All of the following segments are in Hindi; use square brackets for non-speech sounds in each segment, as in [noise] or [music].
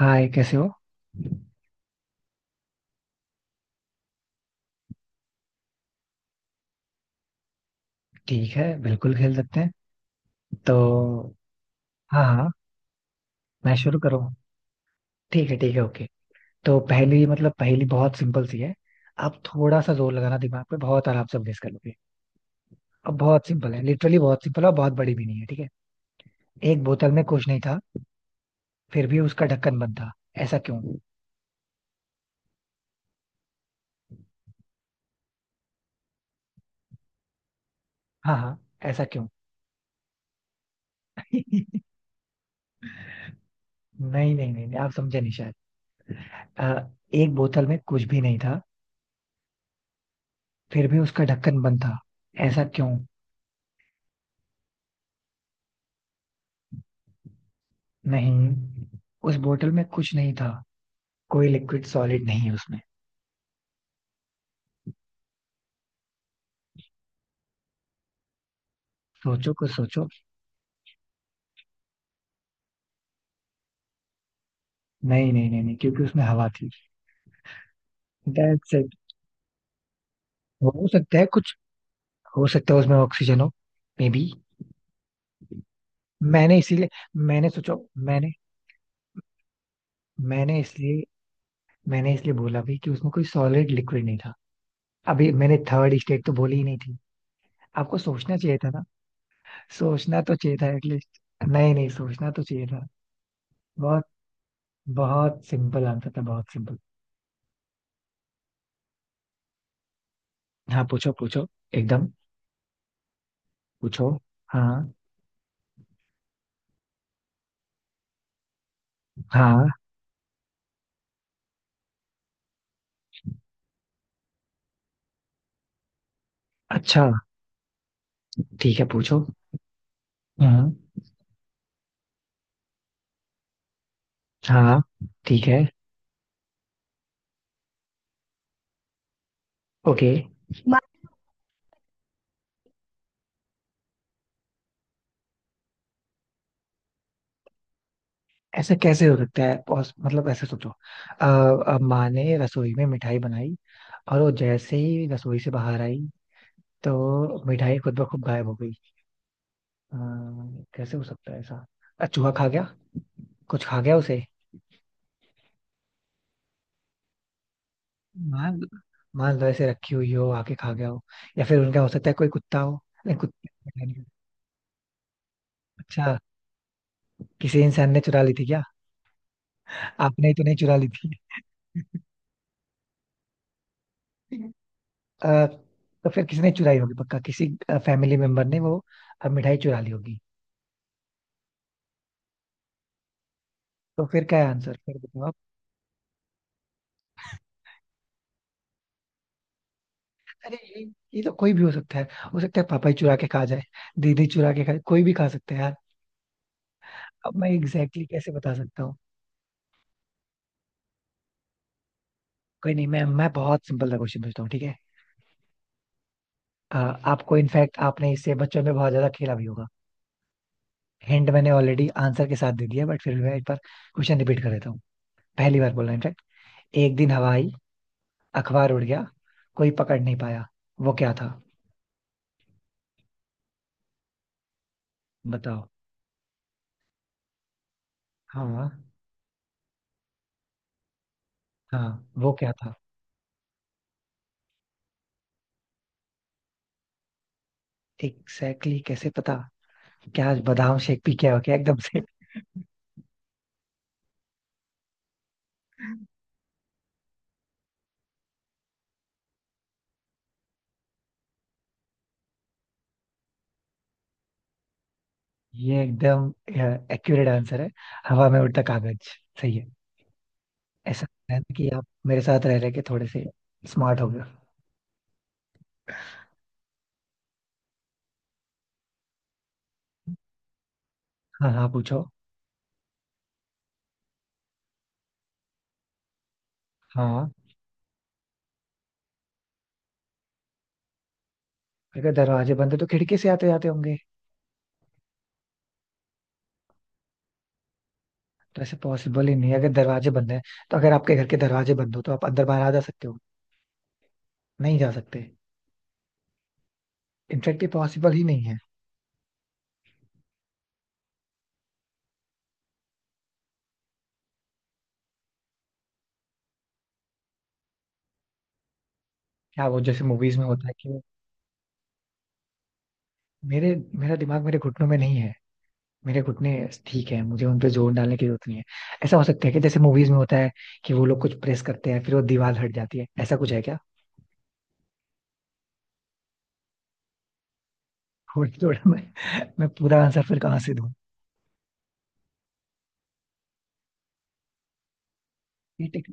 हाय, कैसे हो? ठीक है, बिल्कुल खेल सकते हैं। तो। हाँ, हाँ। मैं शुरू करूँ? ठीक है, ठीक है, ओके। तो पहली बहुत सिंपल सी है। आप थोड़ा सा जोर लगाना, दिमाग पे बहुत आराम से अभ्यास कर लोगे। अब बहुत सिंपल है, लिटरली बहुत सिंपल है, और बहुत बड़ी भी नहीं है, ठीक है। एक बोतल में कुछ नहीं था, फिर भी उसका ढक्कन बंद था। ऐसा क्यों? हाँ, हाँ। ऐसा क्यों? [laughs] नहीं, नहीं, नहीं, नहीं, आप समझे नहीं शायद। एक बोतल में कुछ भी नहीं था, फिर भी उसका ढक्कन बंद था। ऐसा क्यों? नहीं, उस बोतल में कुछ नहीं था। कोई लिक्विड सॉलिड नहीं है उसमें। सोचो, कुछ सोचो। नहीं, नहीं, नहीं, नहीं, क्योंकि उसमें हवा थी। That's it. हो सकता है कुछ। हो सकता है उसमें ऑक्सीजन हो। Maybe. मैंने इसीलिए मैंने सोचो मैंने मैंने इसलिए मैंने इसलिए बोला भी कि उसमें कोई सॉलिड लिक्विड नहीं था। अभी मैंने थर्ड स्टेट तो बोली ही नहीं थी। आपको सोचना चाहिए था ना। सोचना तो चाहिए था एटलीस्ट। नहीं, नहीं, सोचना तो चाहिए था। बहुत बहुत सिंपल आंसर था, बहुत सिंपल। हाँ, पूछो, पूछो। एकदम। पूछो। हाँ हाँ। अच्छा। ठीक है, पूछो। हम्म। हाँ। ठीक है, ओके। माँ। ऐसा कैसे हो सकता है? मतलब ऐसे सोचो, माँ ने रसोई में मिठाई बनाई और वो जैसे ही रसोई से बाहर आई तो मिठाई खुद ब खुद गायब हो गई। अ, कैसे हो सकता है ऐसा? चूहा खा गया। कुछ खा गया उसे। मान मान लो ऐसे रखी हुई हो, आके खा गया हो। या फिर उनका हो सकता है कोई कुत्ता हो। नहीं, कुत्ता। अच्छा। किसी इंसान ने चुरा ली थी क्या? आपने तो नहीं चुरा ली थी? [laughs] अ, तो फिर किसने चुराई होगी? पक्का किसी फैमिली मेंबर ने वो मिठाई चुरा ली होगी। तो फिर क्या है आंसर? फिर बताओ आप। अरे, ये तो कोई भी हो सकता है। हो सकता है पापा ही चुरा के खा जाए, दीदी चुरा के खाए, कोई भी खा सकता है यार। अब मैं एग्जैक्टली exactly कैसे बता सकता हूँ? कोई नहीं, मैं बहुत सिंपल सा क्वेश्चन पूछता हूँ, ठीक है। अ, आपको इनफैक्ट, आपने इससे बच्चों में बहुत ज्यादा खेला भी होगा। हिंट मैंने ऑलरेडी आंसर के साथ दे दिया, बट फिर मैं एक बार क्वेश्चन रिपीट कर देता हूँ। पहली बार बोला इनफैक्ट। एक दिन हवा आई, अखबार उड़ गया, कोई पकड़ नहीं पाया। वो क्या था? बताओ। हाँ, हाँ, वो क्या था? एग्जैक्टली exactly कैसे पता? क्या आज बादाम शेक पी के आओ क्या एकदम से? ये एकदम एक्यूरेट आंसर है, हवा में उड़ता कागज। सही है। ऐसा लगता है ना कि आप मेरे साथ रह रहे के थोड़े से स्मार्ट हो गए। हाँ, हाँ, पूछो। हाँ। अगर दरवाजे बंद है तो खिड़की से आते जाते होंगे। तो ऐसे पॉसिबल ही नहीं है। अगर दरवाजे बंद है, तो अगर आपके घर के दरवाजे बंद हो तो आप अंदर बाहर आ जा सकते हो? नहीं जा सकते। इनफेक्ट ये पॉसिबल ही नहीं है। क्या वो जैसे मूवीज में होता है कि मेरे मेरा दिमाग मेरे घुटनों में नहीं है। मेरे घुटने, ठीक है, मुझे उन पे जोर डालने की जरूरत नहीं है। ऐसा हो सकता है कि जैसे मूवीज में होता है कि वो लोग कुछ प्रेस करते हैं, फिर वो दीवार हट जाती है, ऐसा कुछ है क्या? [laughs] थोड़ा थोड़ा। मैं पूरा आंसर फिर कहाँ से दूं? ये टेक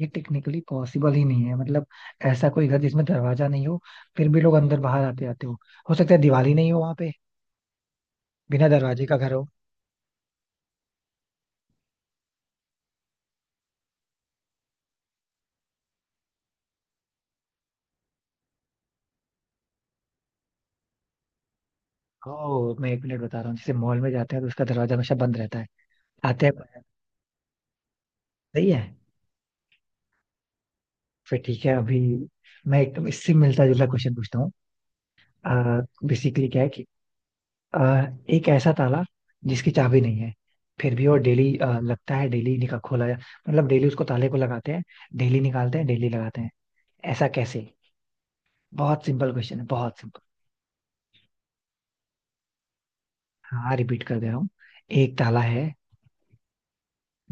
ये टेक्निकली पॉसिबल ही नहीं है, मतलब ऐसा कोई घर जिसमें दरवाजा नहीं हो, फिर भी लोग अंदर बाहर आते आते हो। हो सकता है दिवाली नहीं हो वहां पे, बिना दरवाजे का घर हो। ओ, मैं एक मिनट बता रहा हूँ, जैसे मॉल में जाते हैं तो उसका दरवाजा हमेशा बंद रहता है, आते हैं। सही है। फिर ठीक है, अभी मैं एकदम इससे मिलता जुलता क्वेश्चन पूछता हूँ। बेसिकली क्या है कि, अ, एक ऐसा ताला जिसकी चाबी नहीं है, फिर भी वो डेली लगता है, डेली निकाल खोला जा, मतलब डेली उसको ताले को लगाते हैं, डेली निकालते हैं, डेली लगाते हैं। ऐसा कैसे? बहुत सिंपल क्वेश्चन है, बहुत सिंपल। हाँ, रिपीट कर दे रहा हूँ। एक ताला है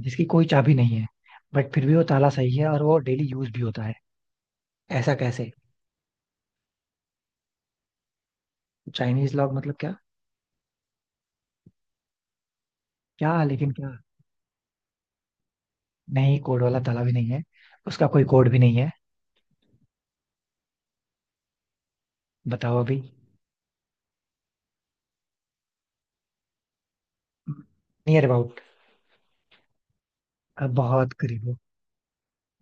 जिसकी कोई चाबी नहीं है, बट फिर भी वो ताला सही है और वो डेली यूज भी होता है। ऐसा कैसे? चाइनीज लॉक मतलब क्या? क्या? लेकिन क्या? नहीं, कोड वाला ताला भी नहीं है, उसका कोई कोड भी नहीं है। बताओ अभी। Near about. बहुत करीब हो।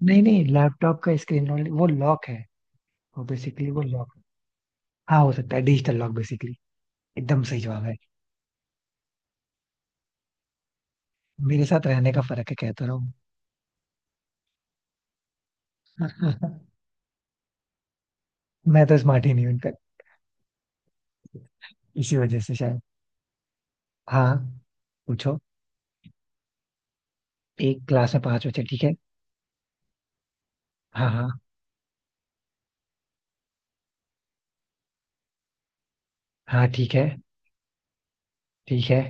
नहीं, नहीं, लैपटॉप का स्क्रीन रोल वो लॉक है, वो बेसिकली वो लॉक। हाँ, हो सकता है डिजिटल लॉक, बेसिकली एकदम सही जवाब है। मेरे साथ रहने का फर्क है, कहता रहा हूँ। [laughs] मैं तो स्मार्ट ही नहीं हूँ इनका, इसी वजह से शायद। हाँ, पूछो। एक क्लास में पांच बच्चे, ठीक है। हाँ, हाँ। हाँ, ठीक है, ठीक है।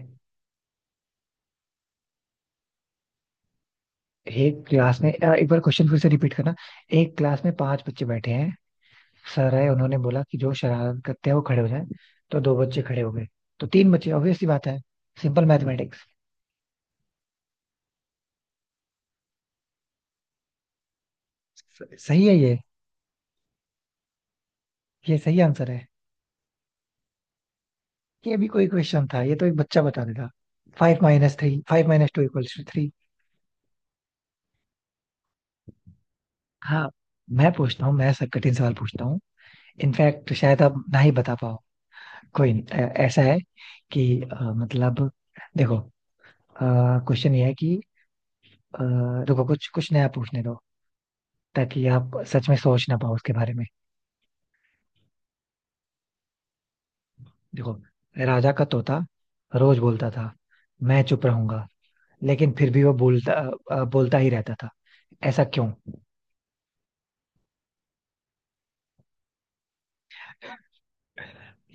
एक क्लास में एक बार क्वेश्चन फिर से रिपीट करना। एक क्लास में पांच बच्चे बैठे हैं, सर है, उन्होंने बोला कि जो शरारत करते हैं वो खड़े हो जाए, तो दो बच्चे खड़े हो गए, तो तीन बच्चे, ऑब्वियस सी बात है, सिंपल मैथमेटिक्स। सही है, ये सही आंसर है। ये भी कोई क्वेश्चन था, ये तो एक बच्चा बता देगा। Five minus three, five minus two equals to three. हाँ। मैं सब कठिन सवाल पूछता हूँ। इनफैक्ट शायद आप ना ही बता पाओ। कोई नहीं, ऐसा है कि, मतलब देखो, क्वेश्चन ये है कि, अ, रुको, कुछ कुछ नया पूछने दो ताकि आप सच में सोच ना पाओ उसके बारे में। देखो, राजा का तोता रोज बोलता था, मैं चुप रहूंगा, लेकिन फिर भी वो बोलता ही रहता था। ऐसा क्यों?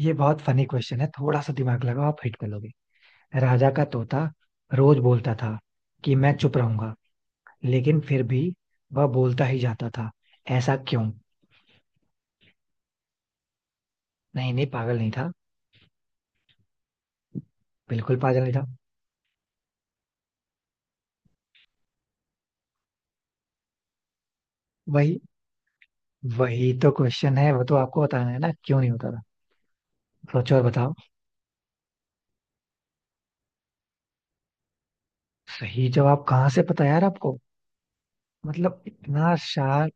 ये बहुत फनी क्वेश्चन है, थोड़ा सा दिमाग लगाओ, आप हिट कर लोगे। राजा का तोता रोज बोलता था कि मैं चुप रहूंगा, लेकिन फिर भी वह बोलता ही जाता था। ऐसा क्यों? नहीं, नहीं, पागल नहीं था, बिल्कुल पागल नहीं था। वही, वही तो क्वेश्चन है, वो तो आपको बताना है ना क्यों नहीं होता था। सोचो और बताओ। सही जवाब कहाँ से पता यार आपको? मतलब इतना शार्प!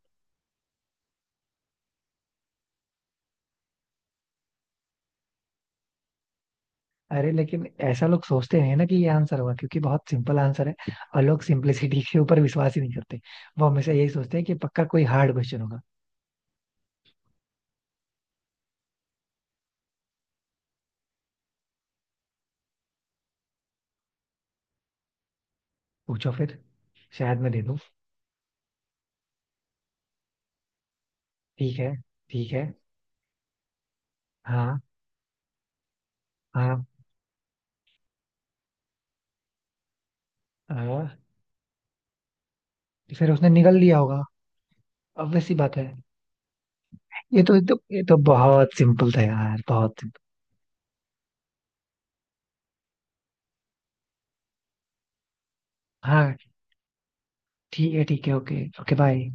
अरे, लेकिन ऐसा लोग सोचते नहीं है ना कि ये आंसर होगा, क्योंकि बहुत सिंपल आंसर है, और लोग सिंपलिसिटी के ऊपर विश्वास ही नहीं करते। वो हमेशा यही सोचते हैं कि पक्का कोई हार्ड क्वेश्चन होगा। पूछो फिर, शायद मैं दे दूं। ठीक है, ठीक है। हाँ, हाँ, हाँ। फिर उसने निगल लिया होगा, obvious सी बात है। ये तो बहुत सिंपल था यार, बहुत simple। हाँ। ठीक है, ठीक है, ओके, ओके, बाय।